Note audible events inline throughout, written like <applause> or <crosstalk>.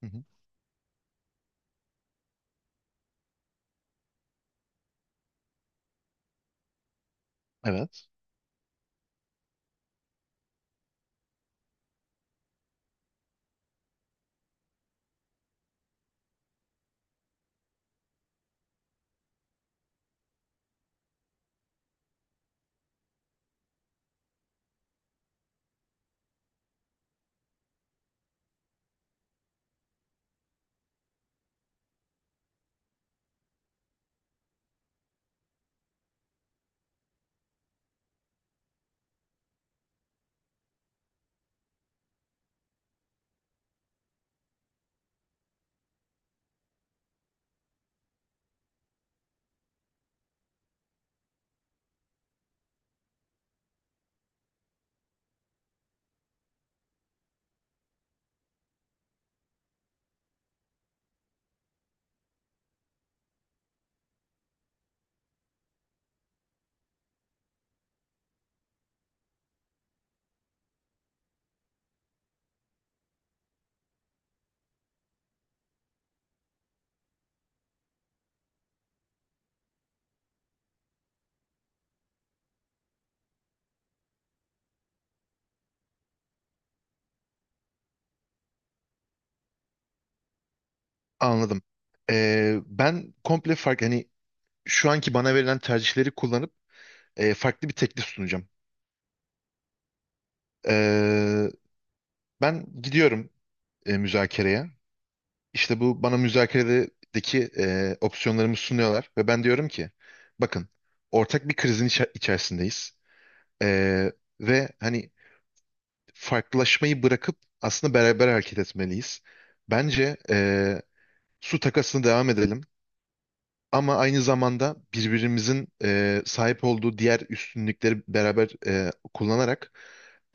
Hı hı. Evet. Anladım. Ben komple farklı şu anki bana verilen tercihleri kullanıp farklı bir teklif sunacağım. Ee, Ben gidiyorum müzakereye. İşte bu bana müzakeredeki opsiyonlarımı sunuyorlar ve ben diyorum ki bakın ortak bir krizin içerisindeyiz. Ee, ve hani farklılaşmayı bırakıp aslında beraber hareket etmeliyiz. Bence su takasını devam edelim. Ama aynı zamanda birbirimizin sahip olduğu diğer üstünlükleri beraber kullanarak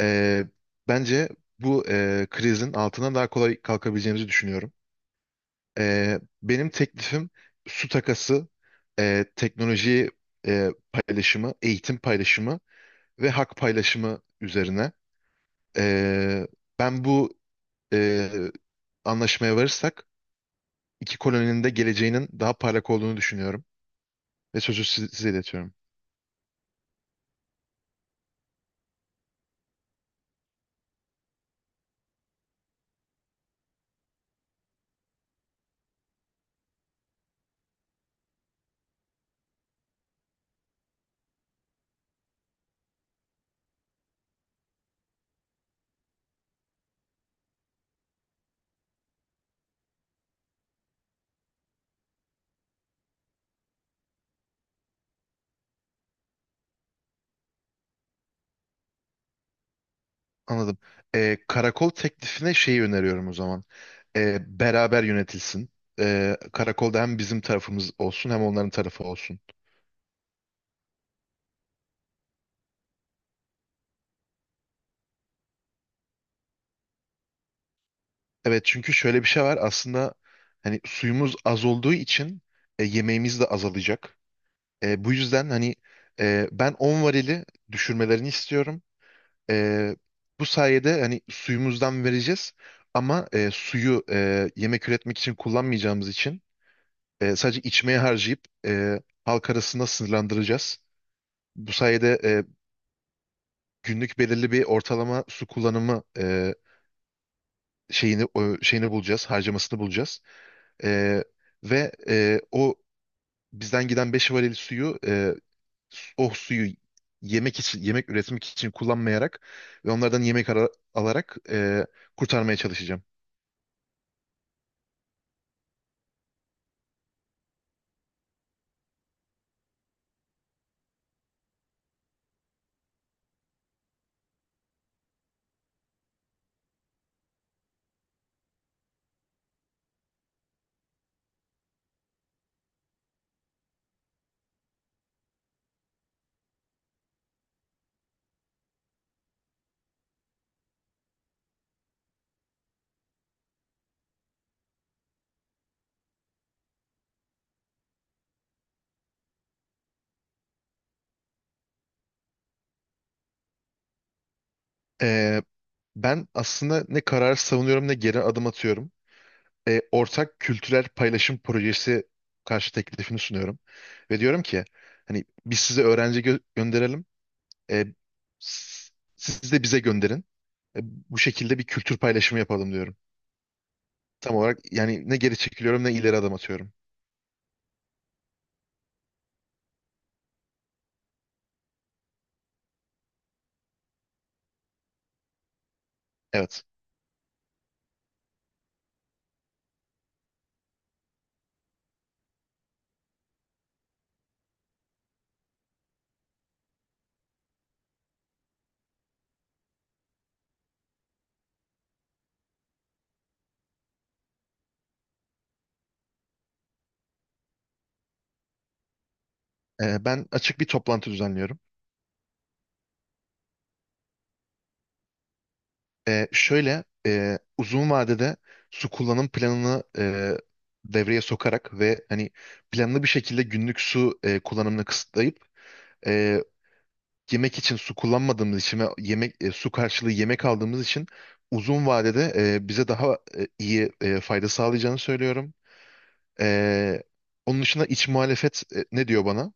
e, bence bu krizin altına daha kolay kalkabileceğimizi düşünüyorum. Benim teklifim su takası, teknoloji paylaşımı, eğitim paylaşımı ve hak paylaşımı üzerine. E, Ben bu e, anlaşmaya varırsak iki koloninin de geleceğinin daha parlak olduğunu düşünüyorum ve sözü size iletiyorum. Anladım. Karakol teklifine şeyi öneriyorum o zaman. Beraber yönetilsin. Karakolda hem bizim tarafımız olsun hem onların tarafı olsun. Evet, çünkü şöyle bir şey var aslında, hani suyumuz az olduğu için yemeğimiz de azalacak. Bu yüzden ben 10 varili düşürmelerini istiyorum. Ee, Bu sayede hani suyumuzdan vereceğiz ama suyu yemek üretmek için kullanmayacağımız için sadece içmeye harcayıp halk arasında sınırlandıracağız. Bu sayede günlük belirli bir ortalama su kullanımı şeyini bulacağız, harcamasını bulacağız. E, ve o bizden giden 5 varil suyu, o suyu yemek için yemek üretmek için kullanmayarak ve onlardan alarak kurtarmaya çalışacağım. Ee, Ben aslında ne karar savunuyorum ne geri adım atıyorum. Ortak kültürel paylaşım projesi karşı teklifini sunuyorum. Ve diyorum ki hani biz size gönderelim. Ee, s- Siz de bize gönderin. Bu şekilde bir kültür paylaşımı yapalım diyorum. Tam olarak yani ne geri çekiliyorum ne ileri adım atıyorum. Evet. Ben açık bir toplantı düzenliyorum. Şöyle uzun vadede su kullanım planını devreye sokarak ve hani planlı bir şekilde günlük su kullanımını kısıtlayıp e, yemek için su kullanmadığımız için ve su karşılığı yemek aldığımız için uzun vadede bize daha iyi fayda sağlayacağını söylüyorum. E, Onun dışında iç muhalefet ne diyor bana?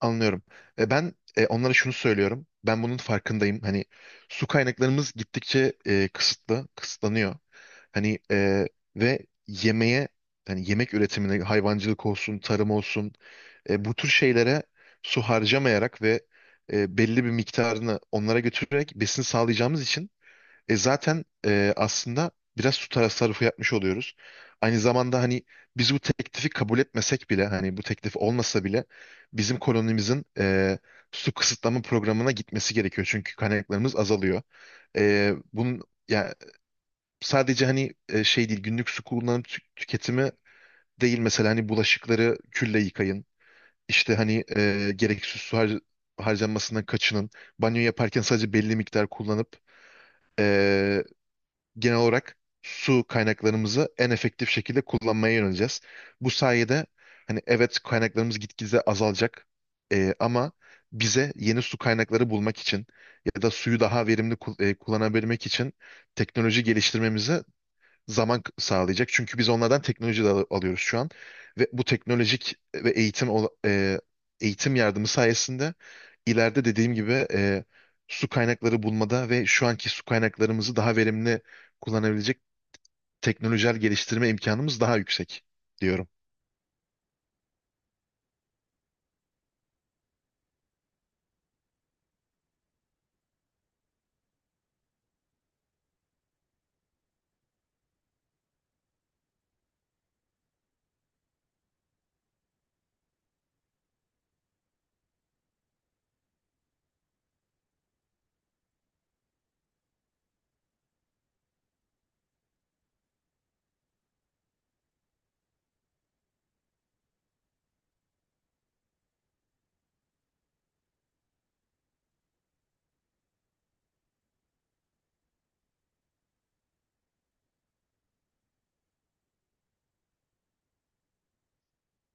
Anlıyorum. Onlara şunu söylüyorum. Ben bunun farkındayım. Hani Su kaynaklarımız gittikçe kısıtlanıyor. Hani e, ve yemeğe, hani yemek üretimine, hayvancılık olsun, tarım olsun, bu tür şeylere su harcamayarak ve belli bir miktarını onlara götürerek besin sağlayacağımız için aslında biraz su tasarrufu yapmış oluyoruz. Aynı zamanda hani biz bu teklifi kabul etmesek bile, hani bu teklif olmasa bile bizim kolonimizin su kısıtlama programına gitmesi gerekiyor. Çünkü kaynaklarımız azalıyor. Bunun ya sadece şey değil, günlük su tüketimi değil, mesela hani bulaşıkları külle yıkayın. İşte gereksiz harcanmasından kaçının. Banyo yaparken sadece belli miktar kullanıp e, genel olarak su kaynaklarımızı en efektif şekilde kullanmaya yöneleceğiz. Bu sayede hani evet kaynaklarımız gitgide azalacak, ama bize yeni su kaynakları bulmak için ya da suyu daha verimli kullanabilmek için teknoloji geliştirmemize sağlayacak. Çünkü biz onlardan teknoloji de alıyoruz şu an. Ve bu teknolojik ve eğitim yardımı sayesinde ileride dediğim gibi su kaynakları bulmada ve şu anki su kaynaklarımızı daha verimli kullanabilecek teknolojik geliştirme imkanımız daha yüksek diyorum.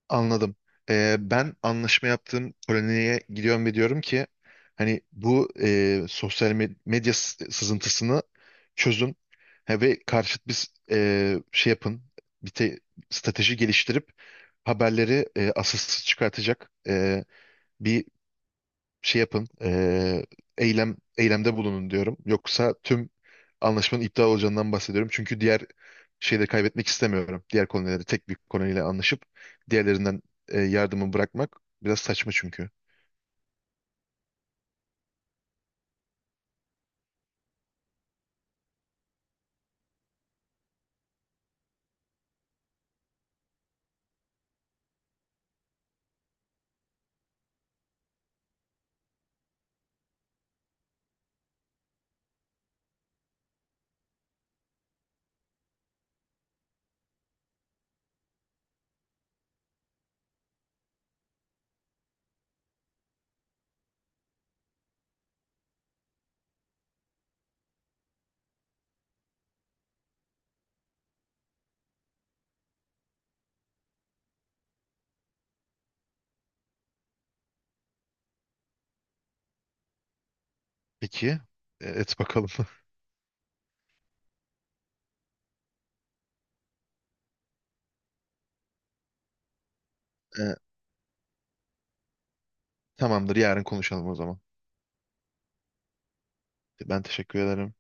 Anladım. Ben anlaşma yaptığım koloniye gidiyorum ve diyorum ki hani bu sosyal medya sızıntısını çözün. Ha, ve karşıt bir şey yapın. Bir te- strateji geliştirip haberleri asılsız çıkartacak bir şey yapın, eylemde bulunun diyorum. Yoksa tüm anlaşmanın iptal olacağından bahsediyorum. Çünkü diğer şeyleri kaybetmek istemiyorum. Diğer kolonileri tek bir koloniyle anlaşıp diğerlerinden yardımı bırakmak biraz saçma çünkü. Peki, et bakalım. <laughs> E, Tamamdır, yarın konuşalım o zaman. Ben teşekkür ederim.